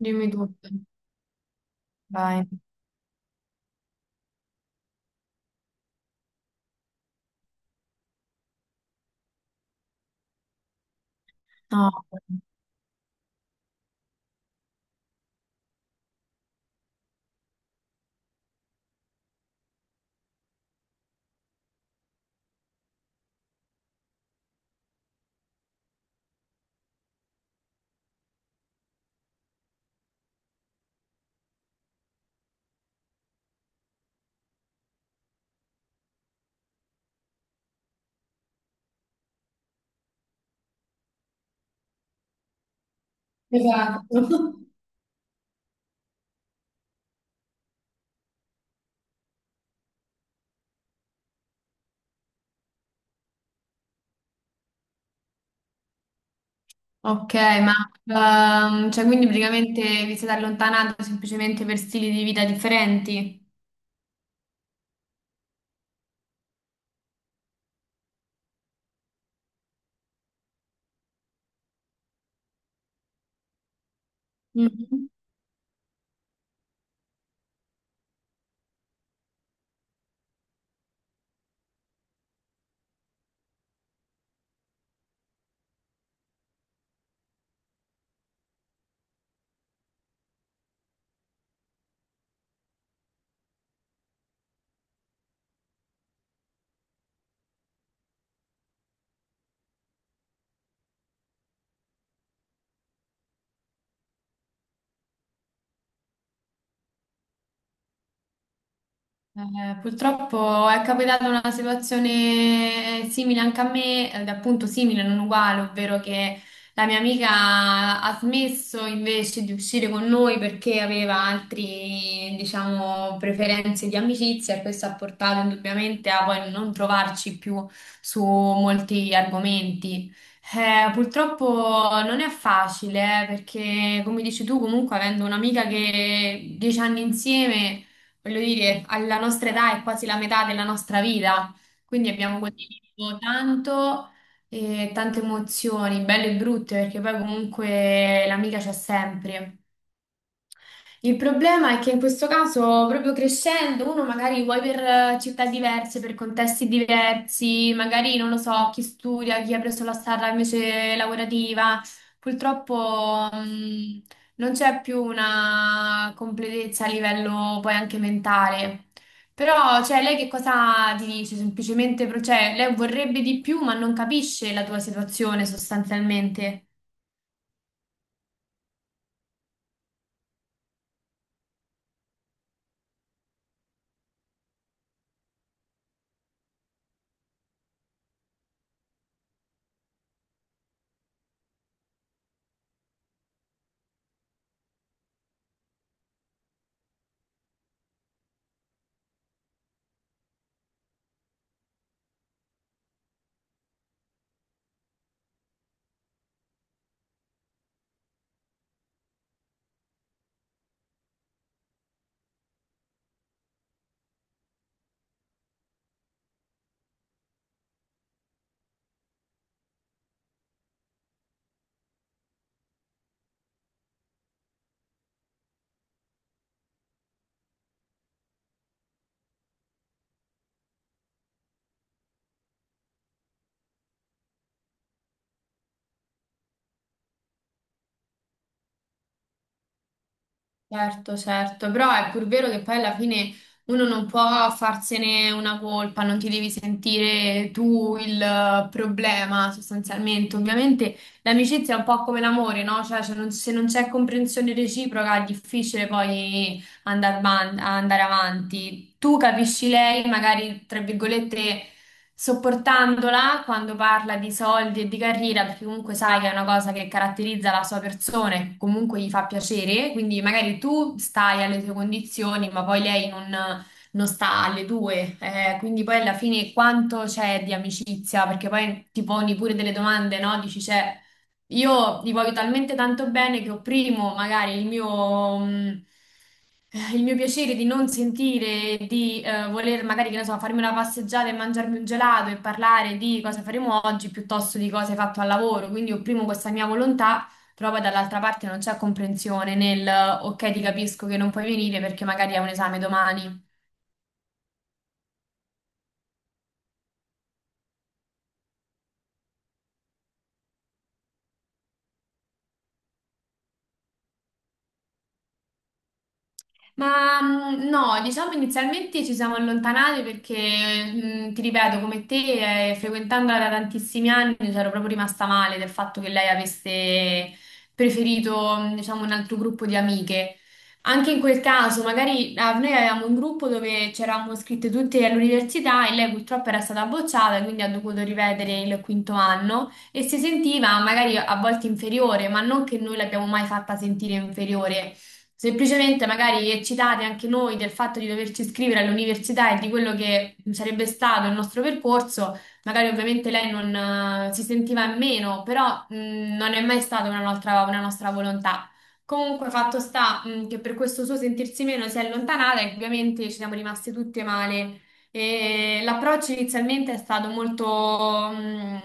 Dimmi tutto. Vai. No. Esatto. Ok, ma cioè quindi praticamente vi siete allontanati semplicemente per stili di vita differenti? Mhm. Purtroppo è capitata una situazione simile anche a me, ed appunto simile, non uguale, ovvero che la mia amica ha smesso invece di uscire con noi perché aveva altri, diciamo, preferenze di amicizia e questo ha portato indubbiamente a poi non trovarci più su molti argomenti. Purtroppo non è facile, perché come dici tu, comunque avendo un'amica che 10 anni insieme voglio dire, alla nostra età è quasi la metà della nostra vita, quindi abbiamo condiviso tanto e tante emozioni, belle e brutte, perché poi comunque l'amica c'è sempre. Il problema è che in questo caso, proprio crescendo, uno magari vuoi per città diverse, per contesti diversi, magari non lo so, chi studia, chi ha preso la strada invece lavorativa, purtroppo non c'è più una completezza a livello poi anche mentale. Però, cioè, lei che cosa ti dice? Semplicemente, cioè, lei vorrebbe di più, ma non capisce la tua situazione sostanzialmente. Certo, certo, però è pur vero che poi alla fine uno non può farsene una colpa, non ti devi sentire tu il problema sostanzialmente. Ovviamente l'amicizia è un po' come l'amore, no? Cioè, se non c'è comprensione reciproca è difficile poi andare avanti. Tu capisci lei, magari tra virgolette sopportandola quando parla di soldi e di carriera, perché comunque sai che è una cosa che caratterizza la sua persona e comunque gli fa piacere, quindi magari tu stai alle tue condizioni, ma poi lei non, non sta alle tue, eh, quindi poi alla fine quanto c'è di amicizia, perché poi ti poni pure delle domande, no? Dici, cioè, io li voglio talmente tanto bene che opprimo magari il mio piacere di non sentire, di voler magari, che ne so, farmi una passeggiata e mangiarmi un gelato e parlare di cosa faremo oggi piuttosto di cosa hai fatto al lavoro. Quindi opprimo questa mia volontà, però poi dall'altra parte non c'è comprensione nel ok, ti capisco che non puoi venire perché magari hai un esame domani. Ma no, diciamo inizialmente ci siamo allontanati perché, ti ripeto, come te, frequentandola da tantissimi anni, c'ero proprio rimasta male del fatto che lei avesse preferito, diciamo, un altro gruppo di amiche. Anche in quel caso, magari noi avevamo un gruppo dove c'eravamo iscritte tutte all'università e lei purtroppo era stata bocciata, quindi ha dovuto rivedere il quinto anno e si sentiva magari a volte inferiore, ma non che noi l'abbiamo mai fatta sentire inferiore. Semplicemente magari eccitate anche noi del fatto di doverci iscrivere all'università e di quello che sarebbe stato il nostro percorso, magari ovviamente lei non si sentiva in meno, però non è mai stata una nostra volontà. Comunque, fatto sta, che per questo suo sentirsi meno si è allontanata e ovviamente ci siamo rimasti tutte male e l'approccio inizialmente è stato molto, mh,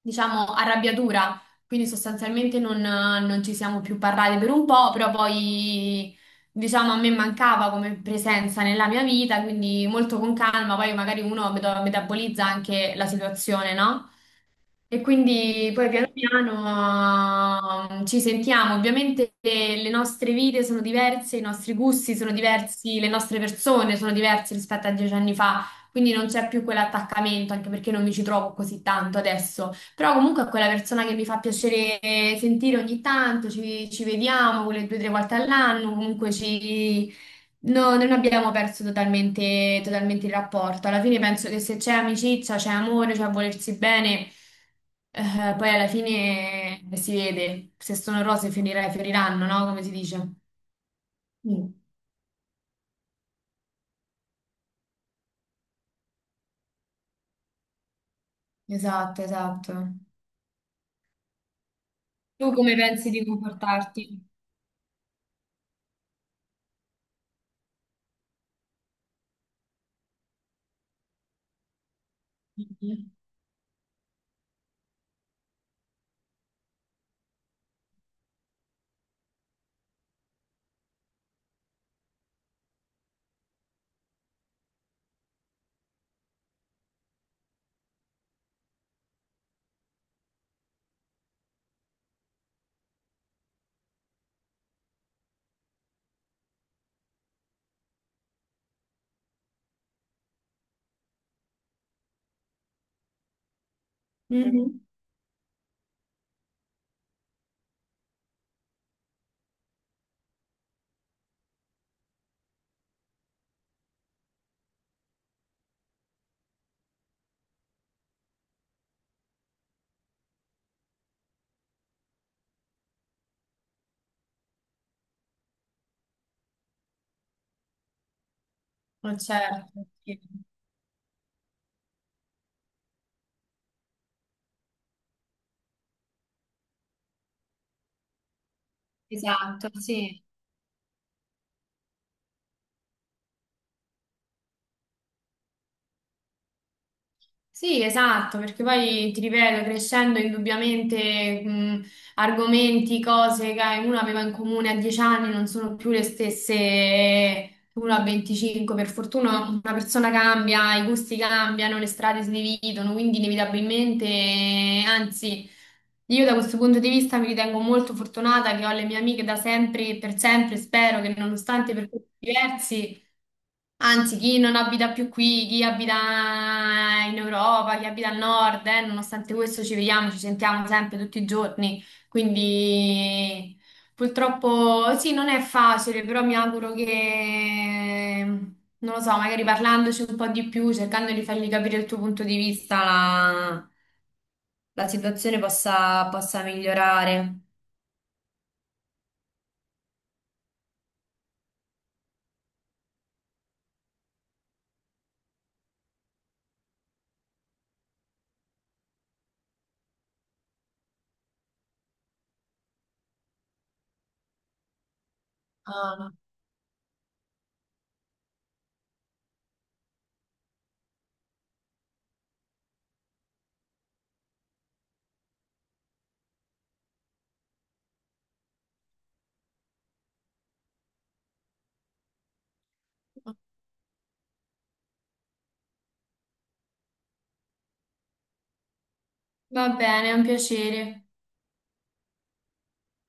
diciamo, a rabbia dura, quindi sostanzialmente non ci siamo più parlati per un po', però poi, diciamo, a me mancava come presenza nella mia vita, quindi molto con calma, poi magari uno metabolizza anche la situazione, no? E quindi poi piano piano ci sentiamo. Ovviamente le nostre vite sono diverse, i nostri gusti sono diversi, le nostre persone sono diverse rispetto a 10 anni fa, quindi non c'è più quell'attaccamento, anche perché non mi ci trovo così tanto adesso. Però comunque è quella persona che mi fa piacere sentire ogni tanto, ci vediamo quelle due o tre volte all'anno, comunque ci no, non abbiamo perso totalmente, totalmente il rapporto. Alla fine penso che se c'è amicizia, c'è amore, c'è volersi bene, poi alla fine si vede. Se sono rose fioriranno, no? Come si dice? Mm. Esatto, esatto. Tu come pensi di comportarti? Mhm. Mhm. Ma certo, sì. Esatto, sì. Sì, esatto, perché poi ti ripeto, crescendo indubbiamente argomenti, cose che uno aveva in comune a 10 anni non sono più le stesse che uno a 25. Per fortuna una persona cambia, i gusti cambiano, le strade si dividono, quindi inevitabilmente, anzi, io da questo punto di vista mi ritengo molto fortunata che ho le mie amiche da sempre e per sempre, spero che nonostante percorsi diversi anzi, chi non abita più qui, chi abita in Europa, chi abita al nord, nonostante questo ci vediamo, ci sentiamo sempre tutti i giorni. Quindi purtroppo sì, non è facile, però mi auguro che, non lo so, magari parlandoci un po' di più, cercando di fargli capire il tuo punto di vista, la situazione possa migliorare. Ah, va bene, è un piacere.